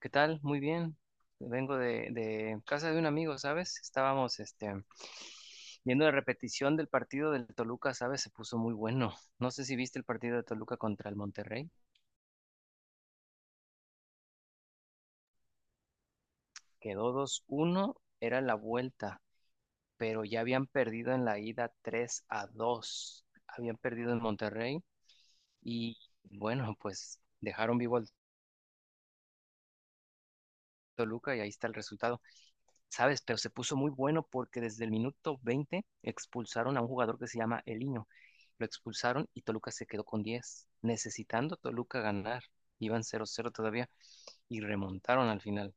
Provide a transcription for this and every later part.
¿Qué tal? Muy bien. Vengo de casa de un amigo, ¿sabes? Estábamos viendo la repetición del partido del Toluca, ¿sabes? Se puso muy bueno. No sé si viste el partido de Toluca contra el Monterrey. Quedó 2 uno. Era la vuelta, pero ya habían perdido en la ida 3-2. Habían perdido en Monterrey y bueno, pues dejaron vivo al Toluca y ahí está el resultado. ¿Sabes? Pero se puso muy bueno porque desde el minuto 20 expulsaron a un jugador que se llama Eliño. Lo expulsaron y Toluca se quedó con 10, necesitando Toluca ganar. Iban 0-0 todavía y remontaron al final.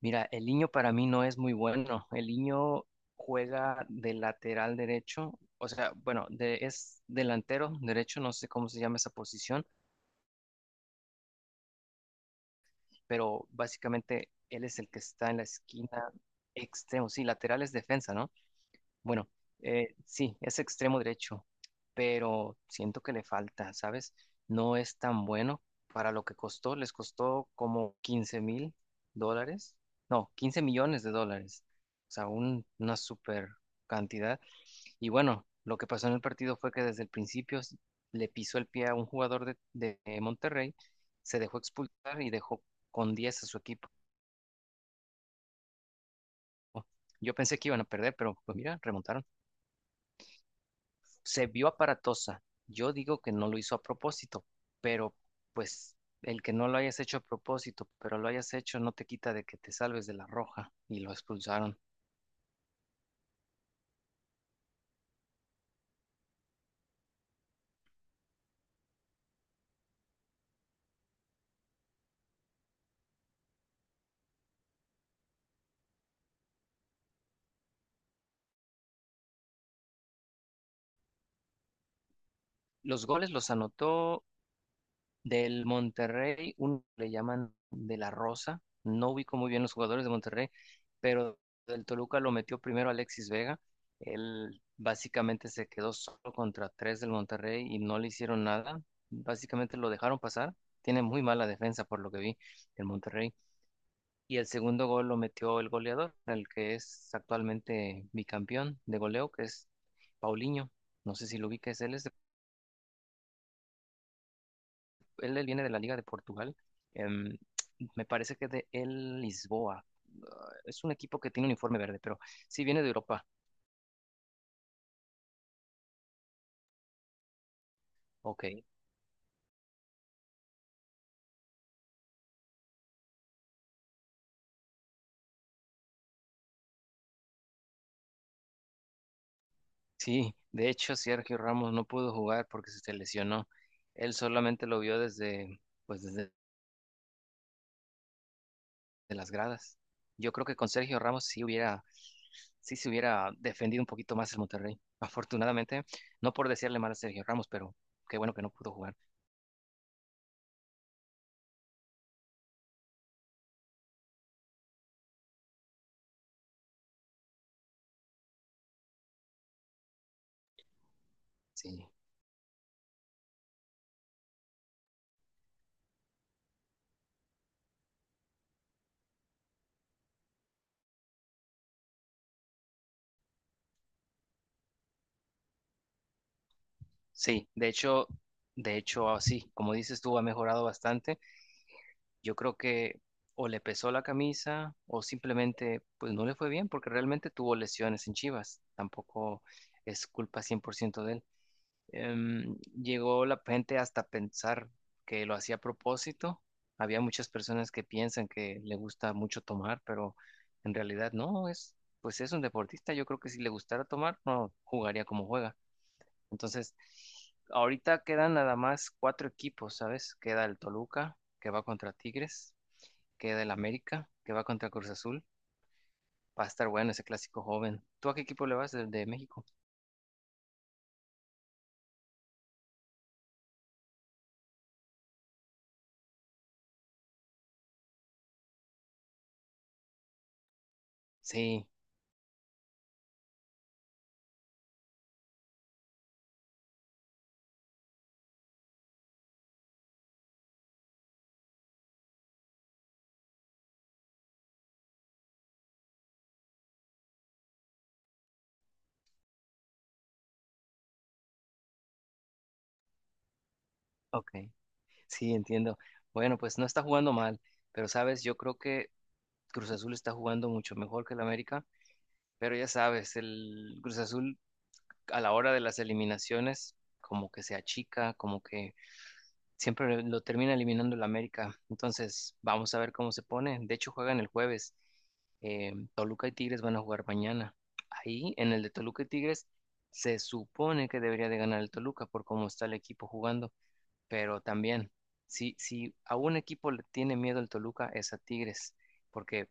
Mira, Eliño para mí no es muy bueno. Eliño juega de lateral derecho, o sea, bueno, es delantero derecho, no sé cómo se llama esa posición, pero básicamente él es el que está en la esquina extremo, sí, lateral es defensa, ¿no? Bueno, sí, es extremo derecho, pero siento que le falta, ¿sabes? No es tan bueno para lo que costó. Les costó como $15,000, no, 15 millones de dólares. O sea, una super cantidad. Y bueno, lo que pasó en el partido fue que desde el principio le pisó el pie a un jugador de Monterrey, se dejó expulsar y dejó con 10 a su equipo. Yo pensé que iban a perder, pero pues mira, remontaron. Se vio aparatosa. Yo digo que no lo hizo a propósito, pero pues el que no lo hayas hecho a propósito, pero lo hayas hecho no te quita de que te salves de la roja y lo expulsaron. Los goles los anotó del Monterrey, uno le llaman de la Rosa. No ubico muy bien los jugadores de Monterrey, pero del Toluca lo metió primero Alexis Vega. Él básicamente se quedó solo contra tres del Monterrey y no le hicieron nada. Básicamente lo dejaron pasar. Tiene muy mala defensa por lo que vi el Monterrey. Y el segundo gol lo metió el goleador, el que es actualmente bicampeón de goleo, que es Paulinho. No sé si lo ubicas, él es él viene de la Liga de Portugal. em, Me parece que de el Lisboa. Ah, es un equipo que tiene un uniforme verde, pero sí viene de Europa. Ok. Sí, de hecho, Sergio Ramos no pudo jugar porque se lesionó. Él solamente lo vio desde, pues desde de las gradas. Yo creo que con Sergio Ramos sí hubiera, sí se hubiera defendido un poquito más el Monterrey. Afortunadamente, no por decirle mal a Sergio Ramos, pero qué bueno que no pudo jugar. Sí. Sí, de hecho, ah, sí, como dices tú, ha mejorado bastante. Yo creo que o le pesó la camisa o simplemente pues no le fue bien porque realmente tuvo lesiones en Chivas. Tampoco es culpa 100% de él. Em, Llegó la gente hasta pensar que lo hacía a propósito. Había muchas personas que piensan que le gusta mucho tomar, pero en realidad no, es pues es un deportista. Yo creo que si le gustara tomar, no jugaría como juega. Entonces, ahorita quedan nada más cuatro equipos, ¿sabes? Queda el Toluca, que va contra Tigres, queda el América, que va contra Cruz Azul. Va a estar bueno ese clásico joven. ¿Tú a qué equipo le vas de México? Sí, ok, sí, entiendo. Bueno, pues no está jugando mal, pero sabes, yo creo que Cruz Azul está jugando mucho mejor que el América, pero ya sabes, el Cruz Azul a la hora de las eliminaciones como que se achica, como que siempre lo termina eliminando el América. Entonces, vamos a ver cómo se pone. De hecho, juegan el jueves. Toluca y Tigres van a jugar mañana. Ahí, en el de Toluca y Tigres, se supone que debería de ganar el Toluca por cómo está el equipo jugando. Pero también, si a un equipo le tiene miedo el Toluca, es a Tigres. Porque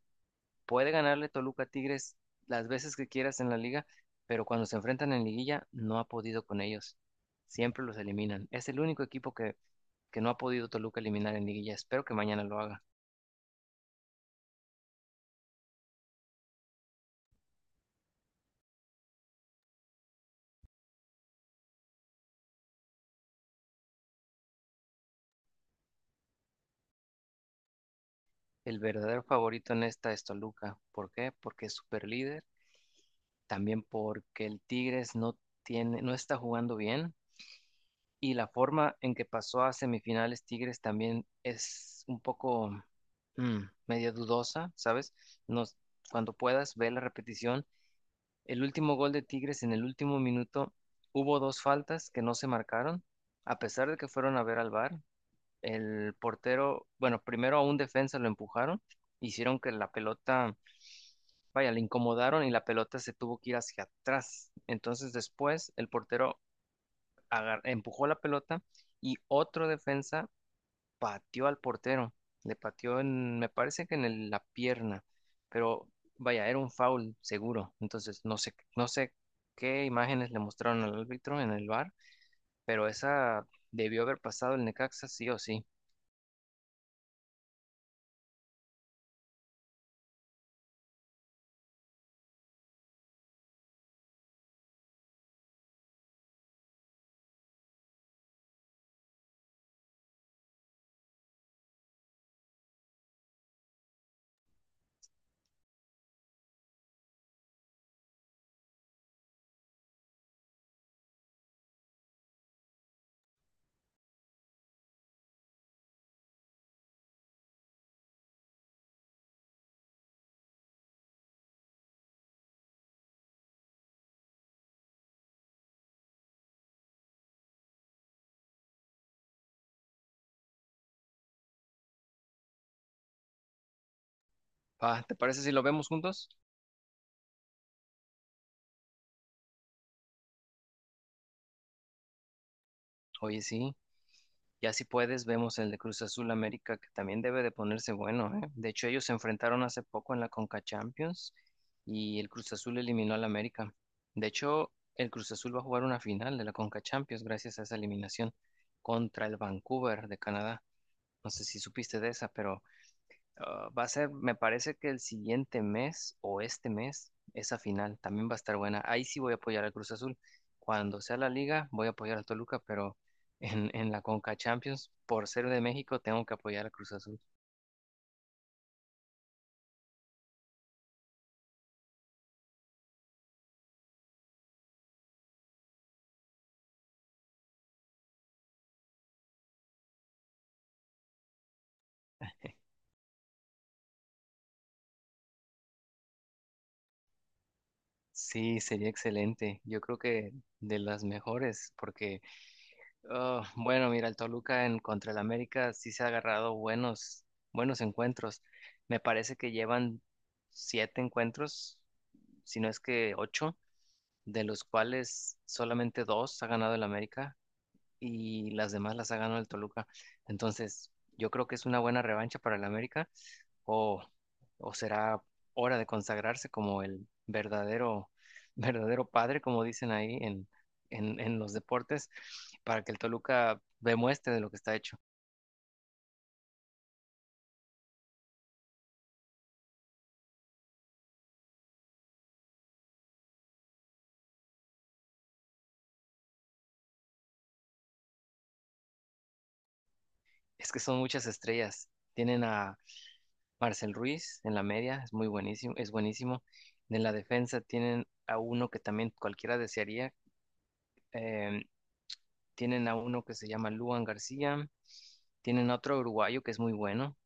puede ganarle Toluca a Tigres las veces que quieras en la liga, pero cuando se enfrentan en liguilla no ha podido con ellos. Siempre los eliminan. Es el único equipo que no ha podido Toluca eliminar en liguilla. Espero que mañana lo haga. El verdadero favorito en esta es Toluca. ¿Por qué? Porque es super líder. También porque el Tigres no tiene, no está jugando bien. Y la forma en que pasó a semifinales Tigres también es un poco medio dudosa, ¿sabes? No, cuando puedas, ve la repetición. El último gol de Tigres en el último minuto hubo dos faltas que no se marcaron, a pesar de que fueron a ver al VAR. El portero, bueno, primero a un defensa lo empujaron, hicieron que la pelota, vaya, le incomodaron y la pelota se tuvo que ir hacia atrás. Entonces después el portero empujó la pelota y otro defensa pateó al portero, le pateó en, me parece que en la pierna, pero vaya, era un foul seguro, entonces no sé qué imágenes le mostraron al árbitro en el bar, pero esa debió haber pasado el Necaxa sí o sí. Ah, ¿te parece si lo vemos juntos? Oye, sí, ya si puedes, vemos el de Cruz Azul América, que también debe de ponerse bueno, ¿eh? De hecho, ellos se enfrentaron hace poco en la Conca Champions y el Cruz Azul eliminó al América. De hecho, el Cruz Azul va a jugar una final de la Conca Champions gracias a esa eliminación contra el Vancouver de Canadá. No sé si supiste de esa, pero ah, va a ser, me parece que el siguiente mes o este mes, esa final también va a estar buena. Ahí sí voy a apoyar al Cruz Azul. Cuando sea la liga, voy a apoyar al Toluca, pero en la Conca Champions, por ser de México, tengo que apoyar al Cruz Azul. Sí, sería excelente. Yo creo que de las mejores, porque, ah, bueno, mira, el Toluca en contra el América sí se ha agarrado buenos, buenos encuentros. Me parece que llevan siete encuentros, si no es que ocho de los cuales solamente dos ha ganado el América y las demás las ha ganado el Toluca. Entonces, yo creo que es una buena revancha para el América o, o será hora de consagrarse como el verdadero, verdadero padre, como dicen ahí en, en los deportes, para que el Toluca demuestre de lo que está hecho. Es que son muchas estrellas. Tienen a Marcel Ruiz en la media, es muy buenísimo, es buenísimo. En la defensa tienen a uno que también cualquiera desearía. eh, Tienen a uno que se llama Luan García. Tienen a otro uruguayo que es muy bueno,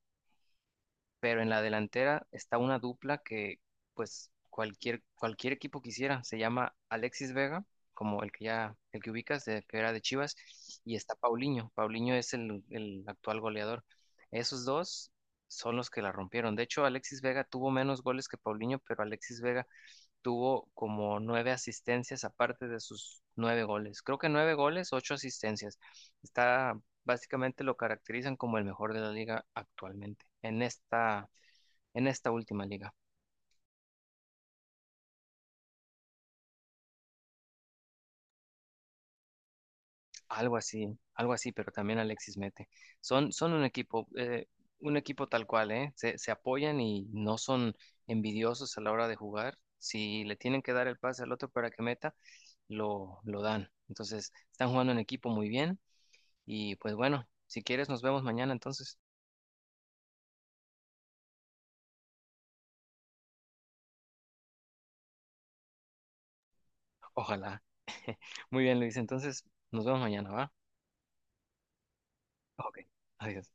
pero en la delantera está una dupla que pues cualquier equipo quisiera. Se llama Alexis Vega, como el que ya, el que ubicas, que era de Chivas, y está Paulinho. Paulinho es el actual goleador. Esos dos son los que la rompieron. De hecho, Alexis Vega tuvo menos goles que Paulinho, pero Alexis Vega tuvo como nueve asistencias aparte de sus nueve goles. Creo que nueve goles, ocho asistencias. Está, básicamente lo caracterizan como el mejor de la liga actualmente, en esta última liga. Algo así, pero también Alexis mete. Son un equipo tal cual, ¿eh? Se apoyan y no son envidiosos a la hora de jugar. Si le tienen que dar el pase al otro para que meta, lo dan. Entonces, están jugando en equipo muy bien y pues bueno, si quieres nos vemos mañana entonces. Ojalá. Muy bien, Luis. Entonces, nos vemos mañana, ¿va? Ok. Adiós.